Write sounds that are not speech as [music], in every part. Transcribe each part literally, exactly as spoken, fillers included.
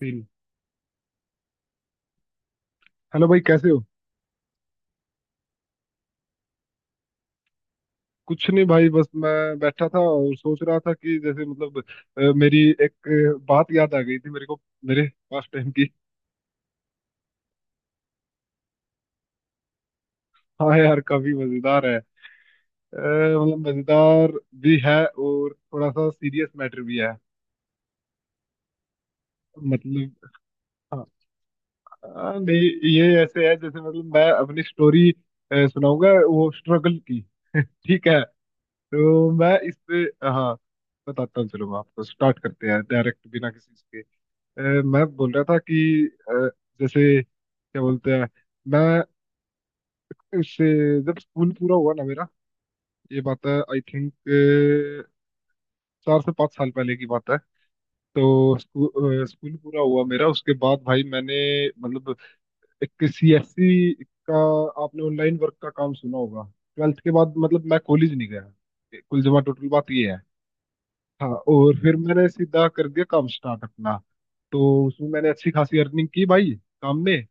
तीन। हेलो भाई, कैसे हो? कुछ नहीं भाई, बस मैं बैठा था और सोच रहा था कि जैसे मतलब अ, मेरी एक अ, बात याद आ गई थी मेरे को। मेरे पास टाइम की। हाँ यार, काफी मजेदार है। अ, मतलब मजेदार भी है और थोड़ा सा सीरियस मैटर भी है। मतलब हाँ। अ, नहीं, ये ऐसे है जैसे मतलब मैं अपनी स्टोरी सुनाऊंगा वो स्ट्रगल की। ठीक है। तो मैं इस पे हाँ बताता हूँ। चलो मैं आपको स्टार्ट करते हैं डायरेक्ट, बिना किसी अ, मैं बोल रहा था कि अ, जैसे क्या बोलते हैं। मैं उससे, जब स्कूल पूरा हुआ ना मेरा, ये बात है आई थिंक चार से पाँच साल पहले की बात है। तो स्कूल स्कूल पूरा हुआ मेरा, उसके बाद भाई मैंने मतलब एक सी एस सी का, आपने ऑनलाइन वर्क का काम सुना होगा। ट्वेल्थ के बाद मतलब मैं कॉलेज नहीं गया, कुल जमा टोटल बात ये है। हाँ, और फिर मैंने सीधा कर दिया काम स्टार्ट अपना। तो उसमें मैंने अच्छी खासी अर्निंग की भाई, काम में।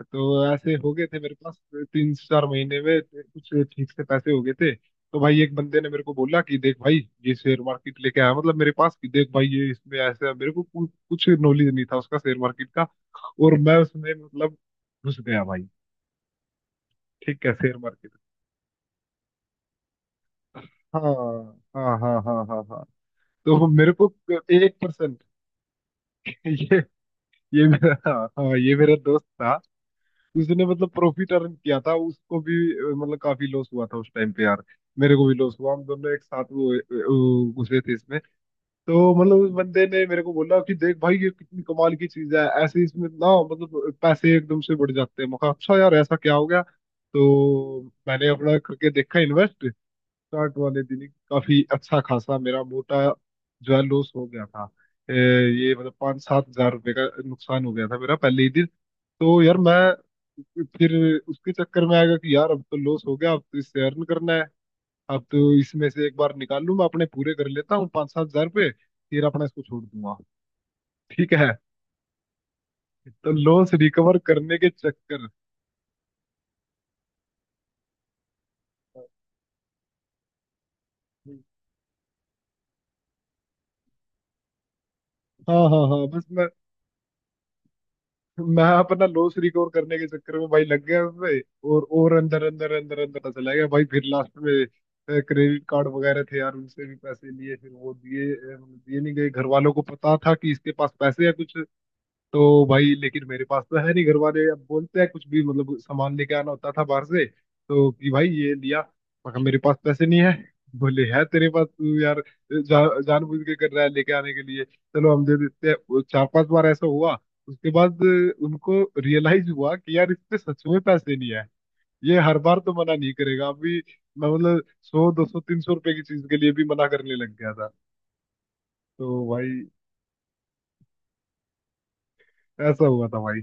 तो ऐसे हो गए थे मेरे पास तीन चार महीने में, कुछ ठीक से पैसे हो गए थे। तो भाई एक बंदे ने मेरे को बोला कि देख भाई, ये शेयर मार्केट लेके आया मतलब मेरे पास, कि देख भाई ये इसमें ऐसा है। मेरे को कु- कुछ नॉलेज नहीं था उसका, शेयर मार्केट का। और मैं उसमें मतलब घुस गया भाई। ठीक है, शेयर मार्केट। हाँ हाँ हाँ हाँ हाँ हाँ। तो मेरे को एक परसेंट [laughs] ये ये मेरा हाँ। हाँ, ये मेरा दोस्त था। उसने मतलब प्रॉफिट अर्न किया था, उसको भी अ, मतलब काफी लॉस हुआ था उस टाइम पे यार। मेरे को भी लॉस हुआ, हम दोनों एक साथ वो अ, घुसे थे इसमें। तो मतलब उस बंदे ने मेरे को बोला कि देख भाई, ये कितनी कमाल की चीज है, ऐसे इसमें ना मतलब पैसे एकदम से बढ़ जाते हैं। मैं कहा अच्छा यार, ऐसा क्या हो गया तो। मैंने अपना करके देखा, इन्वेस्ट। स्टार्ट वाले दिन ही काफी अच्छा खासा मेरा मोटा जो है लॉस हो गया था। ए, ये मतलब पाँच सात हजार रुपये का नुकसान हो गया था मेरा पहले ही दिन। तो यार मैं फिर उसके चक्कर में आएगा कि यार, अब तो लॉस हो गया, अब तो इससे अर्न करना है। अब तो इसमें से एक बार निकाल लूं, मैं अपने पूरे कर लेता हूँ पाँच सात हजार रुपये, फिर अपना इसको छोड़ दूंगा। ठीक है। तो लॉस रिकवर करने के चक्कर। हाँ हाँ हाँ, बस मैं मैं अपना लॉस रिकवर करने के चक्कर में भाई लग गया उसमें। और और अंदर अंदर अंदर अंदर चला गया भाई। फिर लास्ट में क्रेडिट कार्ड वगैरह थे यार, उनसे भी पैसे लिए। फिर वो दिए अ, दिए नहीं गए। घर वालों को पता था कि इसके पास पैसे है कुछ। तो भाई, लेकिन मेरे पास तो है नहीं। घर वाले अब बोलते हैं कुछ भी, मतलब सामान लेके आना होता था बाहर से, तो कि भाई ये लिया। मैं कहा, मेरे पास पैसे नहीं है। बोले है तेरे पास, तू यार जा, जानबूझ के कर रहा है, लेके आने के लिए चलो हम दे देते हैं। वो चार पांच बार ऐसा हुआ। उसके बाद उनको रियलाइज हुआ कि यार इसमें सच में पैसे नहीं है, ये हर बार तो मना नहीं करेगा अभी। मैं मतलब सौ दो सौ तीन सौ रुपए की चीज के लिए भी मना करने लग गया था। तो भाई, ऐसा हुआ था भाई।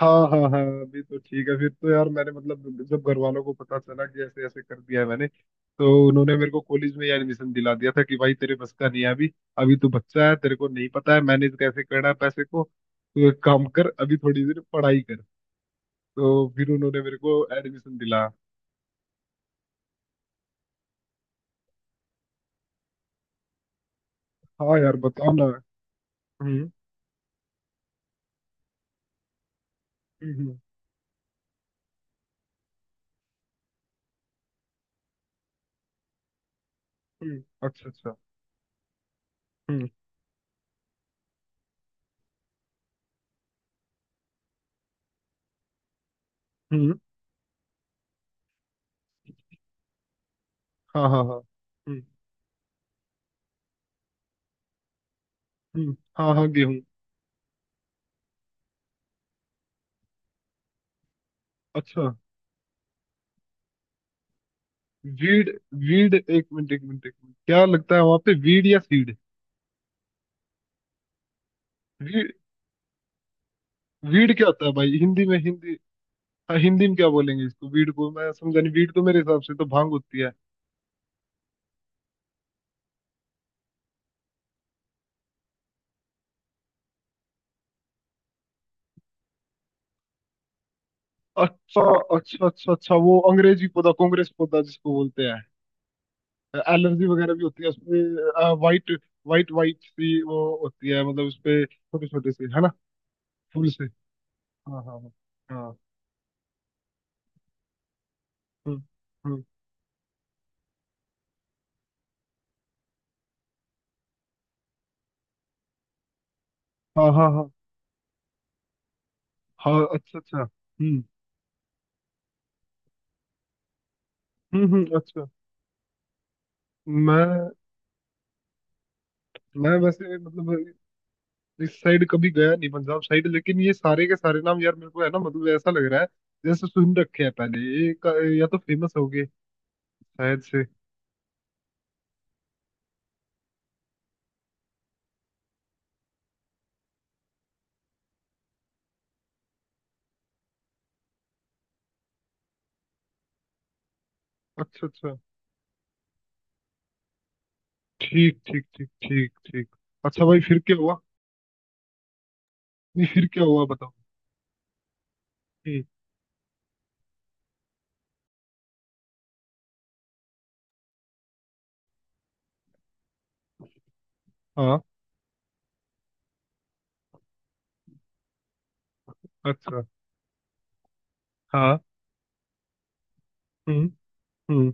हाँ हाँ हाँ, अभी तो ठीक है। फिर तो यार मैंने मतलब, जब घर वालों को पता चला कि ऐसे ऐसे कर दिया है मैंने, तो उन्होंने मेरे को कॉलेज में ही एडमिशन दिला दिया था कि भाई तेरे बस का नहीं है अभी। अभी तू बच्चा है, तेरे को नहीं पता है मैनेज कैसे करना है पैसे को। तो एक काम कर, अभी थोड़ी देर पढ़ाई कर। तो फिर उन्होंने मेरे को एडमिशन दिलाया। हाँ यार, बताओ ना। हम्म हम्म हम्म हम्म, अच्छा अच्छा। हम्म हम्म। हाँ हाँ हाँ। हम्म हम्म। हाँ हाँ, गेहूँ। अच्छा। वीड। वीड, एक मिनट एक मिनट एक मिनट, क्या लगता है वहां पे, वीड या सीड? वीड। वीड क्या होता है भाई, हिंदी में? हिंदी हाँ, हिंदी में क्या बोलेंगे इसको? वीड को मैं समझा नहीं। वीड तो मेरे हिसाब से तो भांग होती है। अच्छा अच्छा अच्छा अच्छा, वो अंग्रेजी पौधा, कांग्रेस पौधा जिसको बोलते हैं। एलर्जी वगैरह भी होती है उसपे। वाइट, वाइट वाइट सी वो होती है, मतलब उसपे छोटे छोटे से है ना, फूल से। हाँ हाँ हाँ हाँ। हम्म हम्म। हाँ हाँ हाँ। हाँ अच्छा अच्छा। हम्म हम्म हम्म। अच्छा। मैं मैं वैसे मतलब इस साइड कभी गया नहीं, पंजाब साइड, लेकिन ये सारे के सारे नाम यार मेरे को है ना, मतलब ऐसा लग रहा है जैसे सुन रखे हैं पहले। ये का- या तो फेमस हो गए शायद से। अच्छा अच्छा। ठीक ठीक ठीक ठीक ठीक। अच्छा भाई, फिर क्या हुआ? नहीं, फिर क्या हुआ, बताओ। हम्म। हाँ अच्छा। हाँ। हम्म हम्म।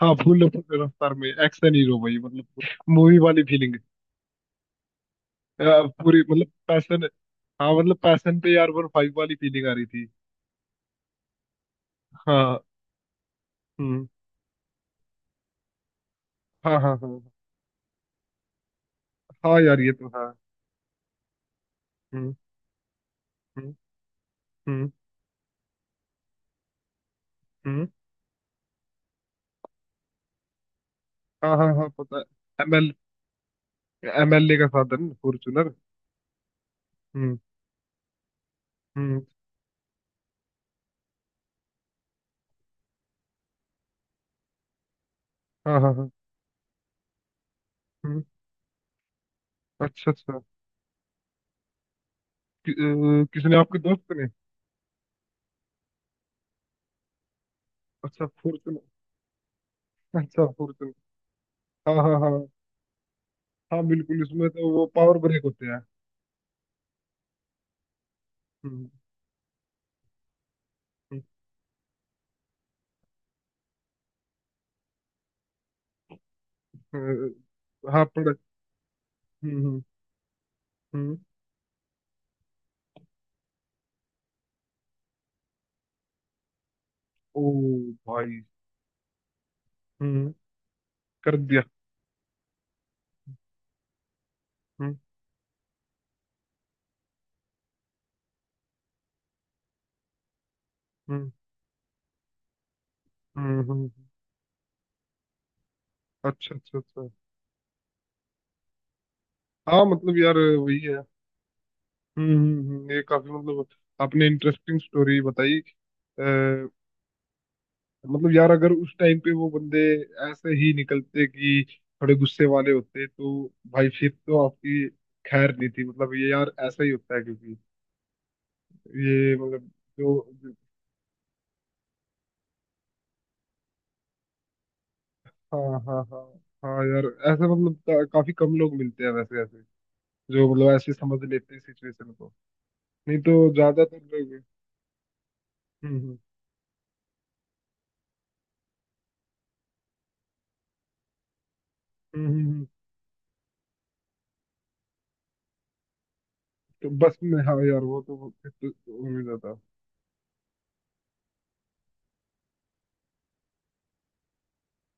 हाँ, फूल फूल रफ्तार में, एक्शन हीरो भाई मतलब, मूवी वाली फीलिंग। पूरी मतलब पैशन। हाँ मतलब पैशन पे यार वन फाइव वाली फीलिंग आ रही थी। हाँ। हम्म। हाँ हाँ हाँ। हाँ यार, ये तो है। हम्म हम्म हम्म हम्म। हाँ हाँ हाँ पता है। M L, M L A का साधन फॉर्चूनर। हम्म हम्म। हाँ हाँ हाँ। हम्म। अच्छा अच्छा। कि, अ, किसने, आपके दोस्त ने? अच्छा फॉर्चूनर। अच्छा फॉर्चूनर। हाँ हाँ हाँ। हाँ बिल्कुल, इसमें तो वो पावर ब्रेक होते हैं। हम्म हम्म, अ, हाँ पड़ हम्म हम्म। हम्म, ओ भाई। हम्म, कर दिया। हम्म हम्म हम्म हम्म, अच्छा अच्छा अच्छा। हाँ मतलब यार वही है। हम्म हम्म, हम्म, ये काफी मतलब, आपने इंटरेस्टिंग स्टोरी बताई। आ, मतलब यार, अगर उस टाइम पे वो बंदे ऐसे ही निकलते कि थोड़े गुस्से वाले होते, तो भाई फिर तो आपकी खैर नहीं थी। मतलब ये यार, ऐसा ही होता है क्योंकि ये मतलब जो। हाँ हाँ हाँ। हाँ यार, ऐसे मतलब का, काफी कम लोग मिलते हैं वैसे ऐसे, जो मतलब ऐसे समझ लेते हैं सिचुएशन को। नहीं तो ज्यादातर लोग। हम्म हम्म हम्म हम्म, हम्म, तो बस में, हाँ यार वो तो फिर तो उम्मीद था।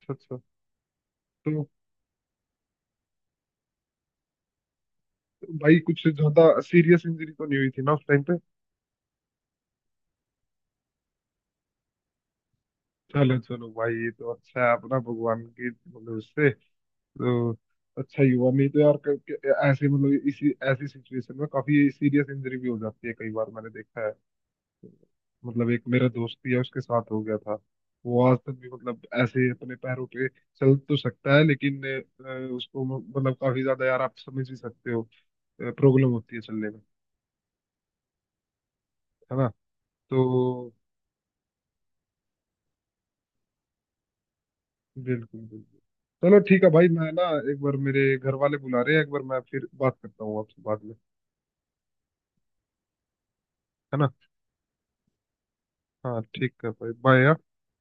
अच्छा अच्छा। तो भाई, कुछ ज्यादा सीरियस इंजरी तो नहीं हुई थी ना उस टाइम पे? चलो चलो भाई, ये तो अच्छा है अपना। भगवान की मतलब, इससे तो अच्छा ही हुआ। नहीं तो यार क- क- ऐसे मतलब इसी, ऐसी सिचुएशन में काफी सीरियस इंजरी भी हो जाती है कई बार। मैंने देखा है, मतलब एक मेरा दोस्त ही है, उसके साथ हो गया था। वो आज तक भी मतलब ऐसे ही अपने पैरों पे चल तो सकता है लेकिन अ, उसको मतलब काफी ज्यादा, यार आप समझ ही सकते हो, प्रॉब्लम होती है चलने में, है ना? तो बिल्कुल बिल्कुल। चलो ठीक है भाई, मैं ना, एक बार मेरे घर वाले बुला रहे हैं, एक बार मैं फिर बात करता हूँ आपसे बाद में, है ना? हाँ ठीक है भाई, बाय।